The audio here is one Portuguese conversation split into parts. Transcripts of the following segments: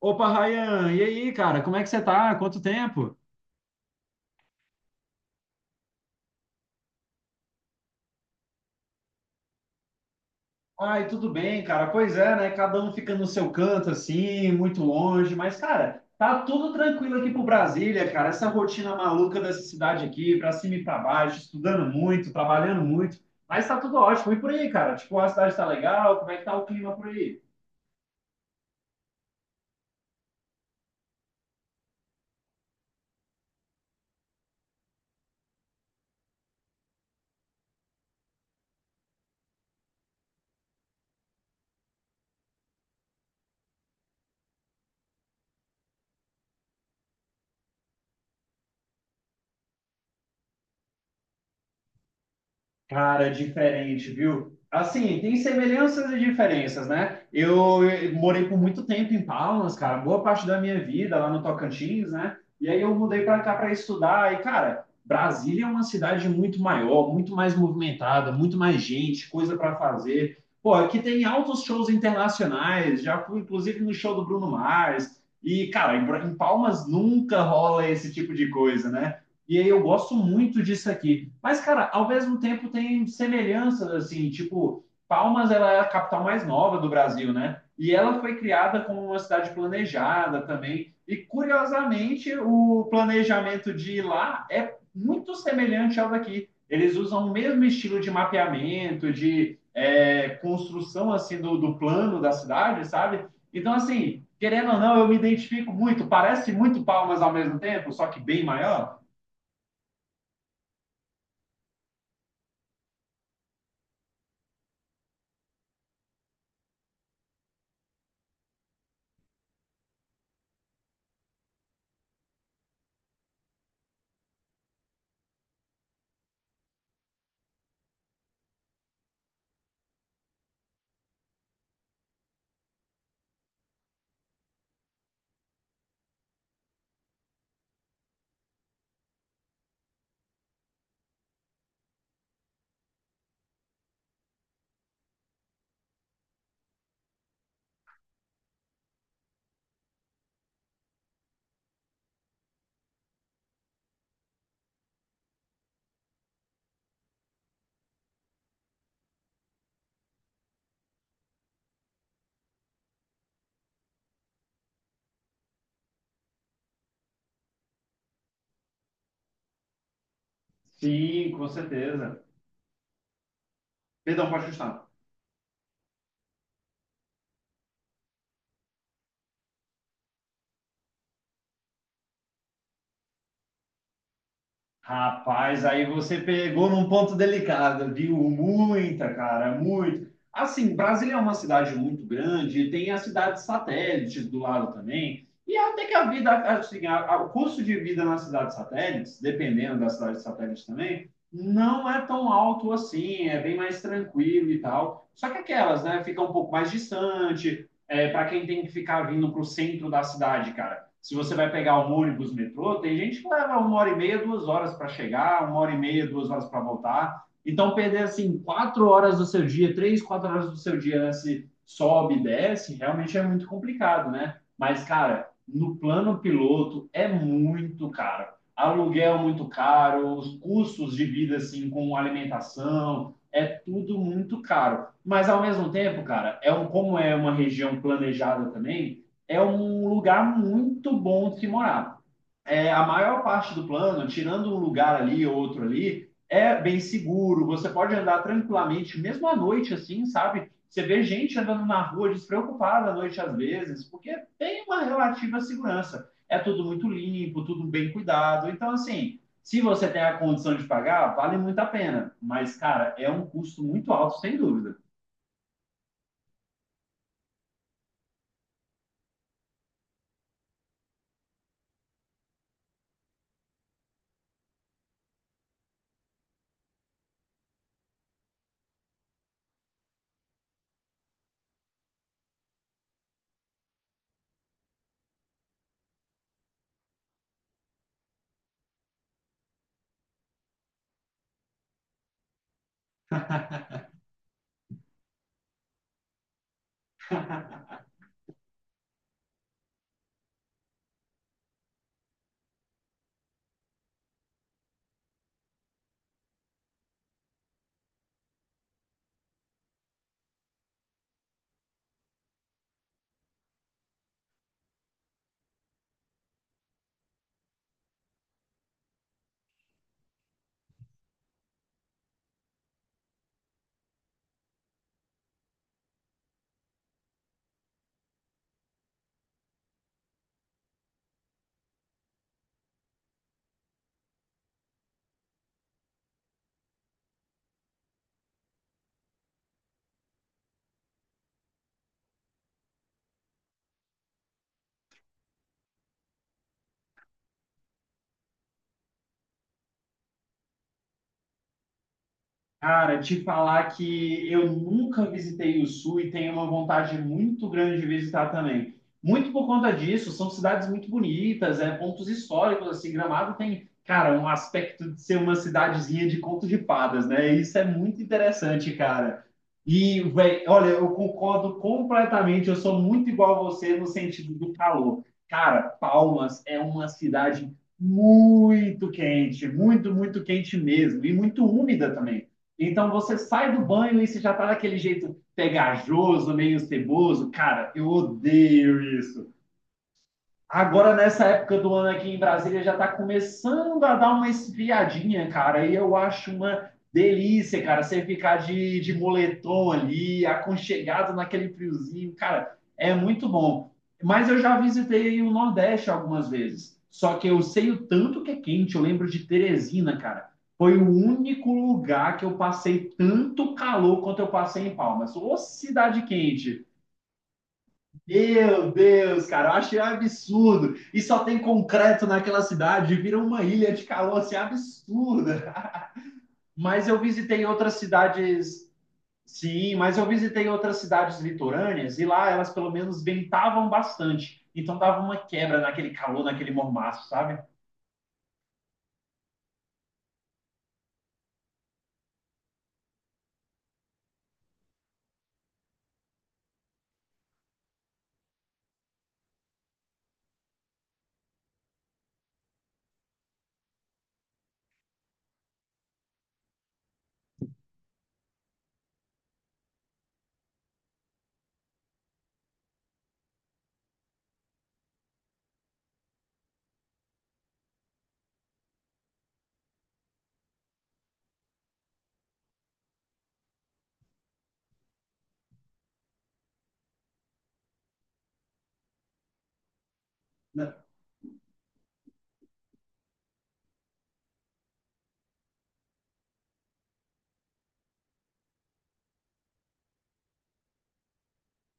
Opa, Ryan, e aí, cara, como é que você tá? Quanto tempo? Ai, tudo bem, cara. Pois é, né? Cada um fica no seu canto, assim, muito longe. Mas, cara, tá tudo tranquilo aqui pro Brasília, cara. Essa rotina maluca dessa cidade aqui, pra cima e pra baixo, estudando muito, trabalhando muito. Mas tá tudo ótimo. E por aí, cara? Tipo, a cidade tá legal? Como é que tá o clima por aí? Cara, diferente, viu? Assim, tem semelhanças e diferenças, né? Eu morei por muito tempo em Palmas, cara, boa parte da minha vida lá no Tocantins, né? E aí eu mudei para cá para estudar. E, cara, Brasília é uma cidade muito maior, muito mais movimentada, muito mais gente, coisa para fazer. Pô, aqui tem altos shows internacionais, já fui inclusive no show do Bruno Mars. E, cara, em Palmas nunca rola esse tipo de coisa, né? E aí eu gosto muito disso aqui. Mas, cara, ao mesmo tempo tem semelhanças, assim, tipo, Palmas ela é a capital mais nova do Brasil, né? E ela foi criada como uma cidade planejada também. E, curiosamente, o planejamento de lá é muito semelhante ao daqui. Eles usam o mesmo estilo de mapeamento, de construção, assim, do plano da cidade, sabe? Então, assim, querendo ou não, eu me identifico muito. Parece muito Palmas ao mesmo tempo, só que bem maior. Sim, com certeza. Perdão, pode ajustar. Rapaz, aí você pegou num ponto delicado, viu? Muita, cara, muito. Assim, Brasília é uma cidade muito grande, tem as cidades satélites do lado também. E até que a vida, assim, o custo de vida nas cidades satélites, dependendo das cidades satélites também, não é tão alto assim, é bem mais tranquilo e tal. Só que aquelas, né, fica um pouco mais distante, é, para quem tem que ficar vindo para o centro da cidade, cara, se você vai pegar um ônibus, metrô, tem gente que leva uma hora e meia, duas horas para chegar, uma hora e meia, duas horas para voltar. Então, perder assim quatro horas do seu dia, três, quatro horas do seu dia nesse, né, se sobe e desce, realmente é muito complicado, né? Mas, cara, no plano piloto é muito caro. Aluguel muito caro, os custos de vida assim com alimentação, é tudo muito caro. Mas ao mesmo tempo, cara, é um, como é uma região planejada também, é um lugar muito bom de se morar. É, a maior parte do plano, tirando um lugar ali ou outro ali, é bem seguro. Você pode andar tranquilamente, mesmo à noite, assim, sabe? Você vê gente andando na rua despreocupada à noite às vezes, porque tem uma relativa segurança. É tudo muito limpo, tudo bem cuidado. Então, assim, se você tem a condição de pagar, vale muito a pena. Mas, cara, é um custo muito alto, sem dúvida. Cara, te falar que eu nunca visitei o Sul e tenho uma vontade muito grande de visitar também. Muito por conta disso, são cidades muito bonitas, é, pontos históricos, assim, Gramado tem, cara, um aspecto de ser uma cidadezinha de conto de fadas, né? Isso é muito interessante, cara. E, velho, olha, eu concordo completamente, eu sou muito igual a você no sentido do calor. Cara, Palmas é uma cidade muito quente, muito, muito quente mesmo, e muito úmida também. Então você sai do banho e você já tá daquele jeito pegajoso, meio ceboso. Cara, eu odeio isso. Agora, nessa época do ano aqui em Brasília, já está começando a dar uma esfriadinha, cara. E eu acho uma delícia, cara, você ficar de moletom ali, aconchegado naquele friozinho, cara, é muito bom. Mas eu já visitei o Nordeste algumas vezes. Só que eu sei o tanto que é quente. Eu lembro de Teresina, cara. Foi o único lugar que eu passei tanto calor quanto eu passei em Palmas. Ô, cidade quente! Meu Deus, cara, eu achei um absurdo. E só tem concreto naquela cidade, vira uma ilha de calor assim absurda. Mas eu visitei outras cidades, sim, mas eu visitei outras cidades litorâneas e lá elas pelo menos ventavam bastante. Então dava uma quebra naquele calor, naquele mormaço, sabe?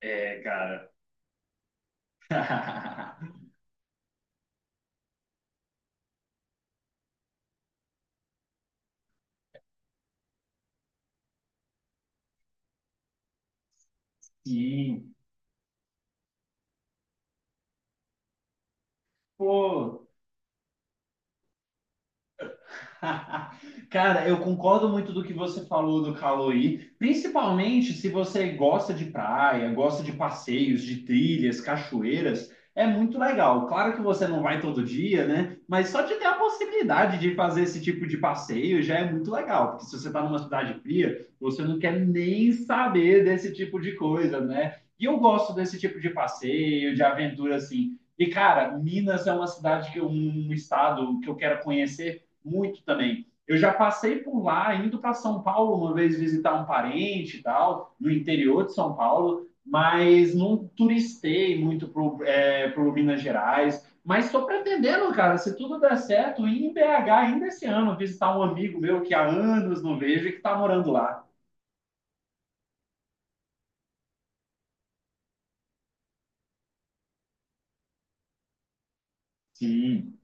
É, cara. Sim. Pô, cara, eu concordo muito do que você falou do Caloi, principalmente se você gosta de praia, gosta de passeios, de trilhas, cachoeiras, é muito legal. Claro que você não vai todo dia, né? Mas só de ter a possibilidade de fazer esse tipo de passeio já é muito legal, porque se você está numa cidade fria, você não quer nem saber desse tipo de coisa, né? E eu gosto desse tipo de passeio, de aventura assim. E, cara, Minas é uma cidade que eu- um estado que eu quero conhecer muito também. Eu já passei por lá, indo para São Paulo uma vez visitar um parente e tal, no interior de São Paulo, mas não turistei muito pro, é, pro Minas Gerais. Mas estou pretendendo, cara, se tudo der certo, ir em BH ainda esse ano, visitar um amigo meu que há anos não vejo e que está morando lá. Sim.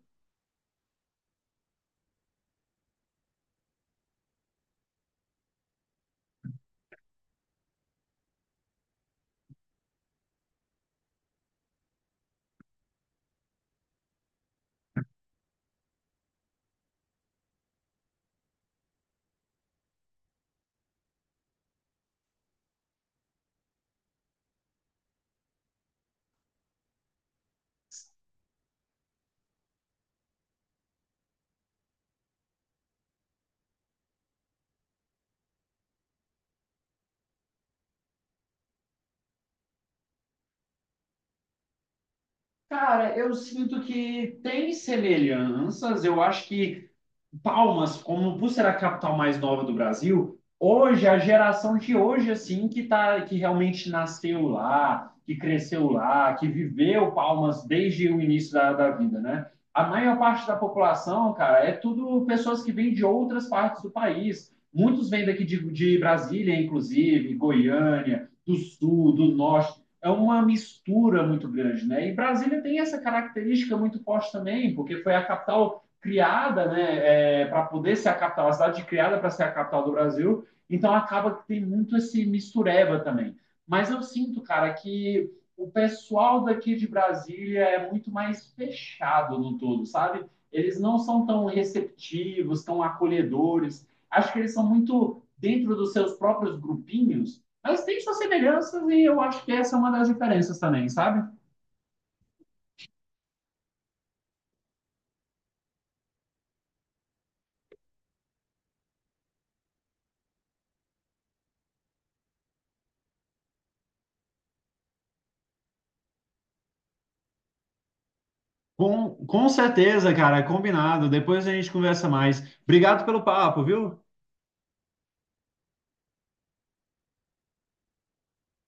Cara, eu sinto que tem semelhanças. Eu acho que Palmas, como por ser a capital mais nova do Brasil, hoje, a geração de hoje, assim, que, tá, que realmente nasceu lá, que cresceu lá, que viveu Palmas desde o início da vida, né? A maior parte da população, cara, é tudo pessoas que vêm de outras partes do país. Muitos vêm daqui de Brasília, inclusive, Goiânia, do Sul, do Norte. É uma mistura muito grande, né? E Brasília tem essa característica muito forte também, porque foi a capital criada, né, é, para poder ser a capital, a cidade criada para ser a capital do Brasil, então acaba que tem muito esse mistureba também. Mas eu sinto, cara, que o pessoal daqui de Brasília é muito mais fechado no todo, sabe? Eles não são tão receptivos, tão acolhedores. Acho que eles são muito dentro dos seus próprios grupinhos, mas tem suas semelhanças e eu acho que essa é uma das diferenças também, sabe? Com certeza, cara, combinado. Depois a gente conversa mais. Obrigado pelo papo, viu?